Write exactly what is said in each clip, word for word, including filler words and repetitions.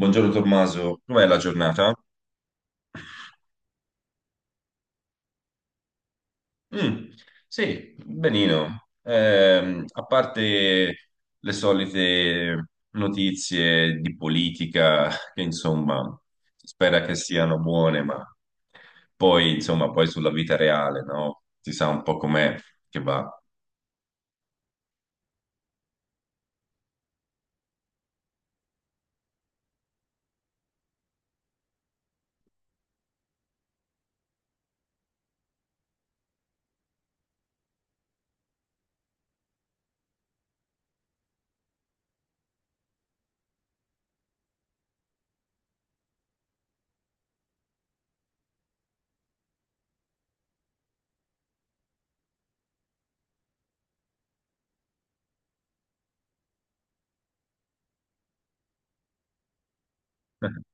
Buongiorno Tommaso, com'è la giornata? Mm, sì, benino. Ehm, a parte le solite notizie di politica, che insomma, si spera che siano buone, ma poi, insomma, poi sulla vita reale, no? Si sa un po' com'è che va.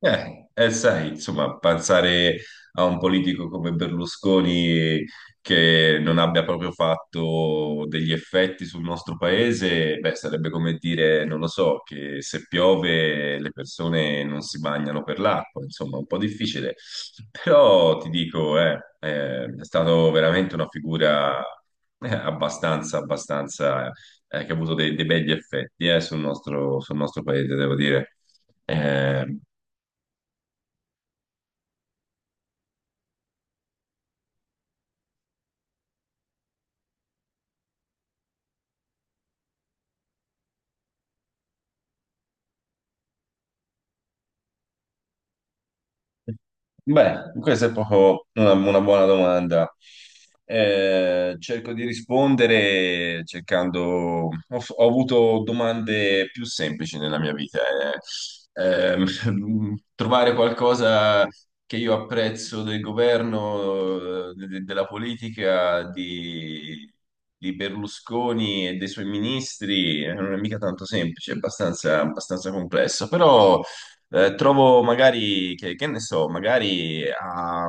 Eh, eh, sai, insomma, pensare a un politico come Berlusconi che non abbia proprio fatto degli effetti sul nostro paese, beh, sarebbe come dire, non lo so, che se piove le persone non si bagnano per l'acqua, insomma, un po' difficile. Però ti dico, eh, eh, è stato veramente una figura eh, abbastanza, abbastanza, eh, che ha avuto dei, dei begli effetti, eh, sul nostro, sul nostro paese, devo dire. Eh, Beh, questa è proprio una, una buona domanda. Eh, cerco di rispondere cercando... Ho, f- ho avuto domande più semplici nella mia vita. eh. Ehm, Trovare qualcosa che io apprezzo del governo, eh, de- de- della politica, di, di Berlusconi e dei suoi ministri, eh, non è mica tanto semplice, è abbastanza, abbastanza complesso, però... Eh, trovo magari, che, che ne so, magari ha,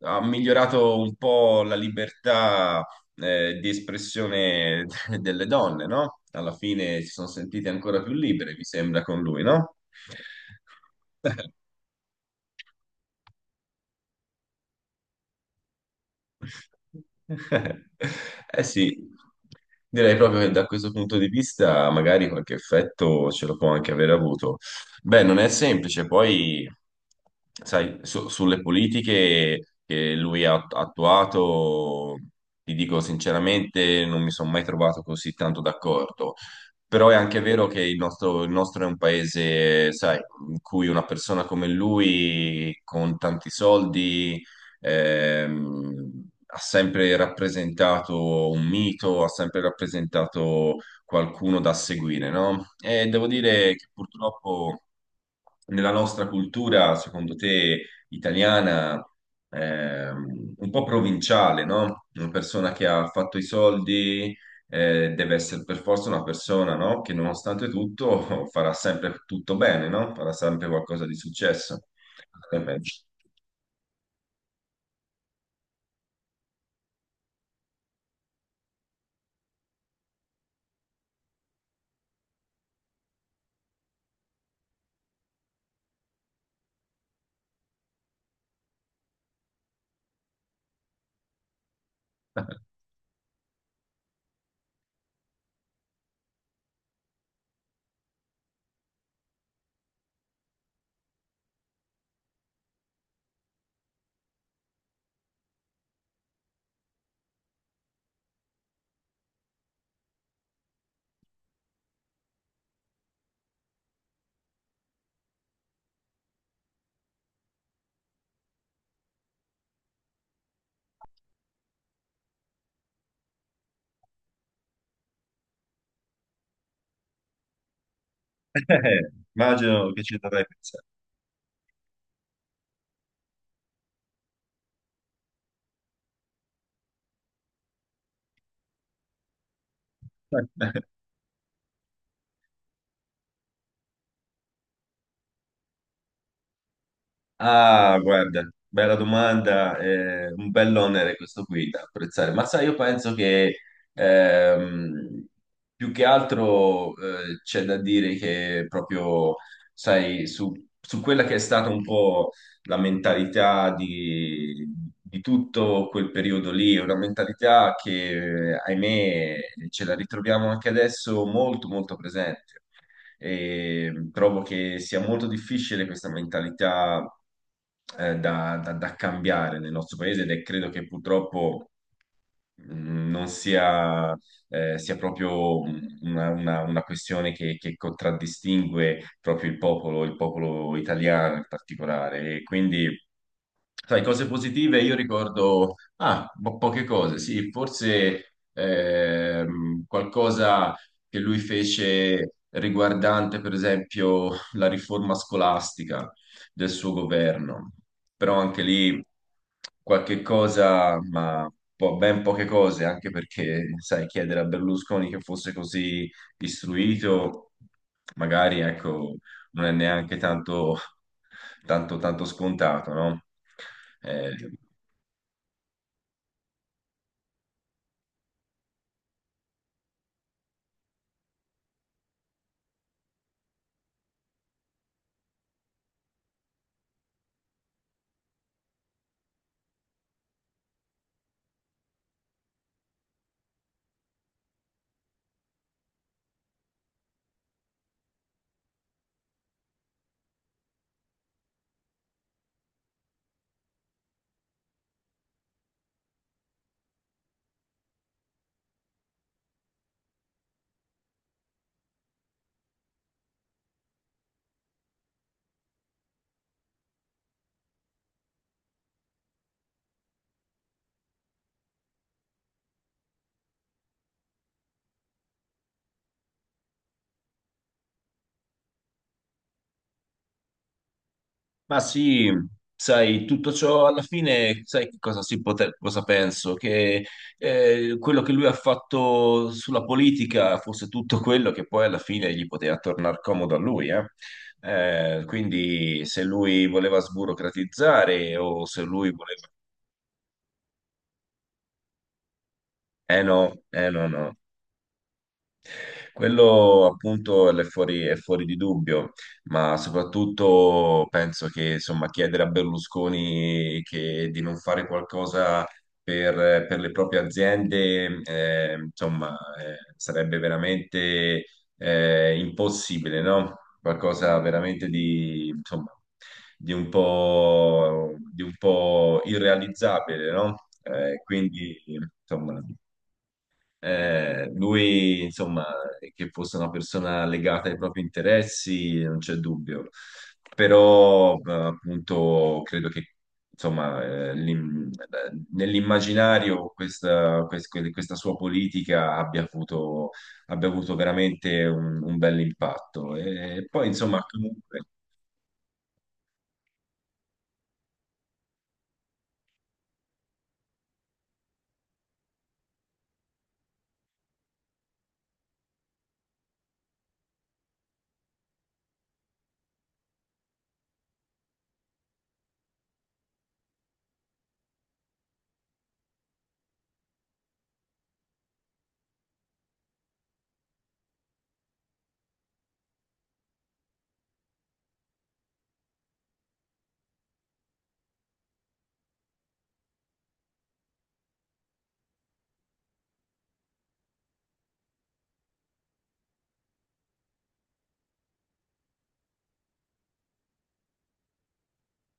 ha migliorato un po' la libertà eh, di espressione delle donne, no? Alla fine si sono sentite ancora più libere, mi sembra, con lui, no? Eh eh sì, direi proprio che da questo punto di vista magari qualche effetto ce lo può anche aver avuto. Beh, non è semplice, poi sai, su- sulle politiche che lui ha attuato, ti dico sinceramente, non mi sono mai trovato così tanto d'accordo. Però è anche vero che il nostro, il nostro è un paese, sai, in cui una persona come lui, con tanti soldi ehm, ha sempre rappresentato un mito, ha sempre rappresentato qualcuno da seguire, no? E devo dire che purtroppo nella nostra cultura, secondo te, italiana, ehm, un po' provinciale, no? Una persona che ha fatto i soldi eh, deve essere per forza una persona, no? Che nonostante tutto farà sempre tutto bene, no? Farà sempre qualcosa di successo. Cosa ne pensi? Eh, immagino che ci dovrai pensare. Ah, guarda, bella domanda, eh, un bell'onere questo qui da apprezzare. Ma sai, io penso che ehm, più che altro eh, c'è da dire che proprio, sai, su, su quella che è stata un po' la mentalità di, di tutto quel periodo lì, una mentalità che, ahimè, ce la ritroviamo anche adesso molto, molto presente. E trovo che sia molto difficile questa mentalità eh, da, da- da cambiare nel nostro paese ed è credo che purtroppo mh, non sia, eh, sia proprio una, una- una questione che, che contraddistingue proprio il popolo, il popolo italiano in particolare. E quindi Sai, cose positive, io ricordo, ah, po- poche cose, sì, forse ehm, qualcosa che lui fece riguardante, per esempio, la riforma scolastica del suo governo, però anche lì qualche cosa, ma po- ben poche cose, anche perché, sai, chiedere a Berlusconi che fosse così istruito, magari, ecco, non è neanche tanto, tanto, tanto scontato, no? Eh, ma sì, sai, tutto ciò alla fine, sai che cosa, si pote- cosa penso? Che eh, quello che lui ha fatto sulla politica fosse tutto quello che poi alla fine gli poteva tornare comodo a lui, eh? Eh, quindi se lui voleva sburocratizzare o se lui voleva... Eh no, eh no, no. Quello appunto è fuori, è fuori di dubbio, ma soprattutto penso che insomma, chiedere a Berlusconi che- di non fare qualcosa per, per le proprie aziende eh, insomma, eh, sarebbe veramente eh, impossibile, no? Qualcosa veramente di, insomma, di un po', di un po' irrealizzabile, no? Eh, quindi insomma. Eh, lui, insomma, che fosse una persona legata ai propri interessi, non c'è dubbio. Però, eh, appunto, credo che, insomma, eh, l'im- eh, nell'immaginario questa, quest- que- questa sua politica abbia avuto, abbia avuto veramente un, un bel impatto. E poi, insomma, comunque.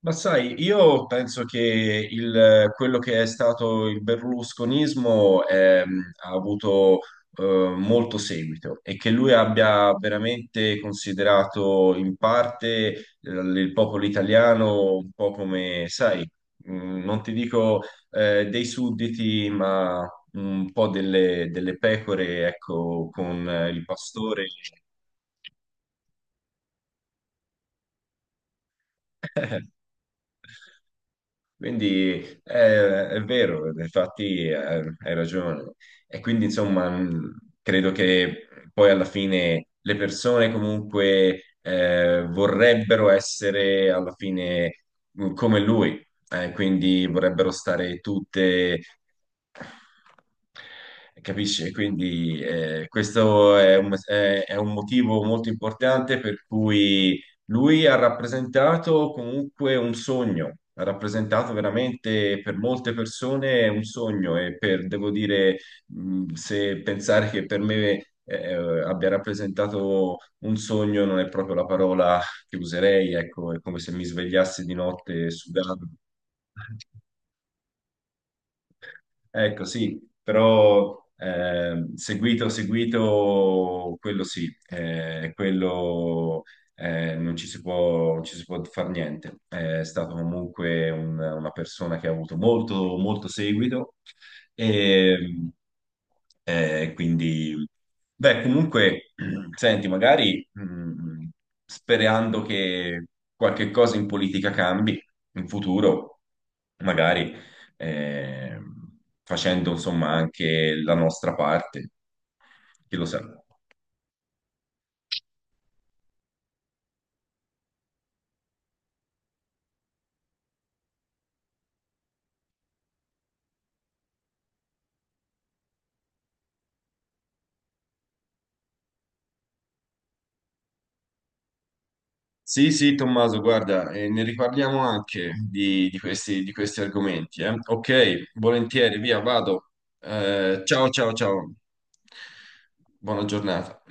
Ma sai, io penso che il- quello che è stato il berlusconismo ehm, ha avuto eh, molto seguito e che lui abbia veramente considerato in parte eh, il popolo italiano un po' come, sai, mh, non ti dico eh, dei sudditi, ma un po' delle, delle pecore, ecco, con eh, il pastore. Quindi eh, è, vero, infatti eh, hai ragione. E quindi insomma mh, credo che poi alla fine le persone comunque eh, vorrebbero essere alla fine mh, come lui, eh, quindi vorrebbero stare tutte Capisci? Quindi eh, questo è un, è- è un motivo molto importante per cui lui ha rappresentato comunque un sogno, ha rappresentato veramente per molte persone un sogno e per, devo dire, mh, se pensare che per me eh, eh, abbia rappresentato un sogno non è proprio la parola che userei, ecco, è come se mi svegliassi di notte sudato. Ecco, sì, però ehm, seguito, seguito, quello sì, eh, quello eh, non ci si può, non ci si può far niente. Eh, È stato comunque un- una persona che ha avuto molto, molto seguito e eh, quindi, beh, comunque, senti, magari mh, sperando che qualche cosa in politica cambi in futuro, magari eh, facendo insomma anche la nostra parte. Chi lo sa? Sì, sì, Tommaso, guarda, eh, ne riparliamo anche di, di questi, di questi argomenti. eh. Ok, volentieri, via, vado. Eh, ciao, ciao, ciao. Buona giornata.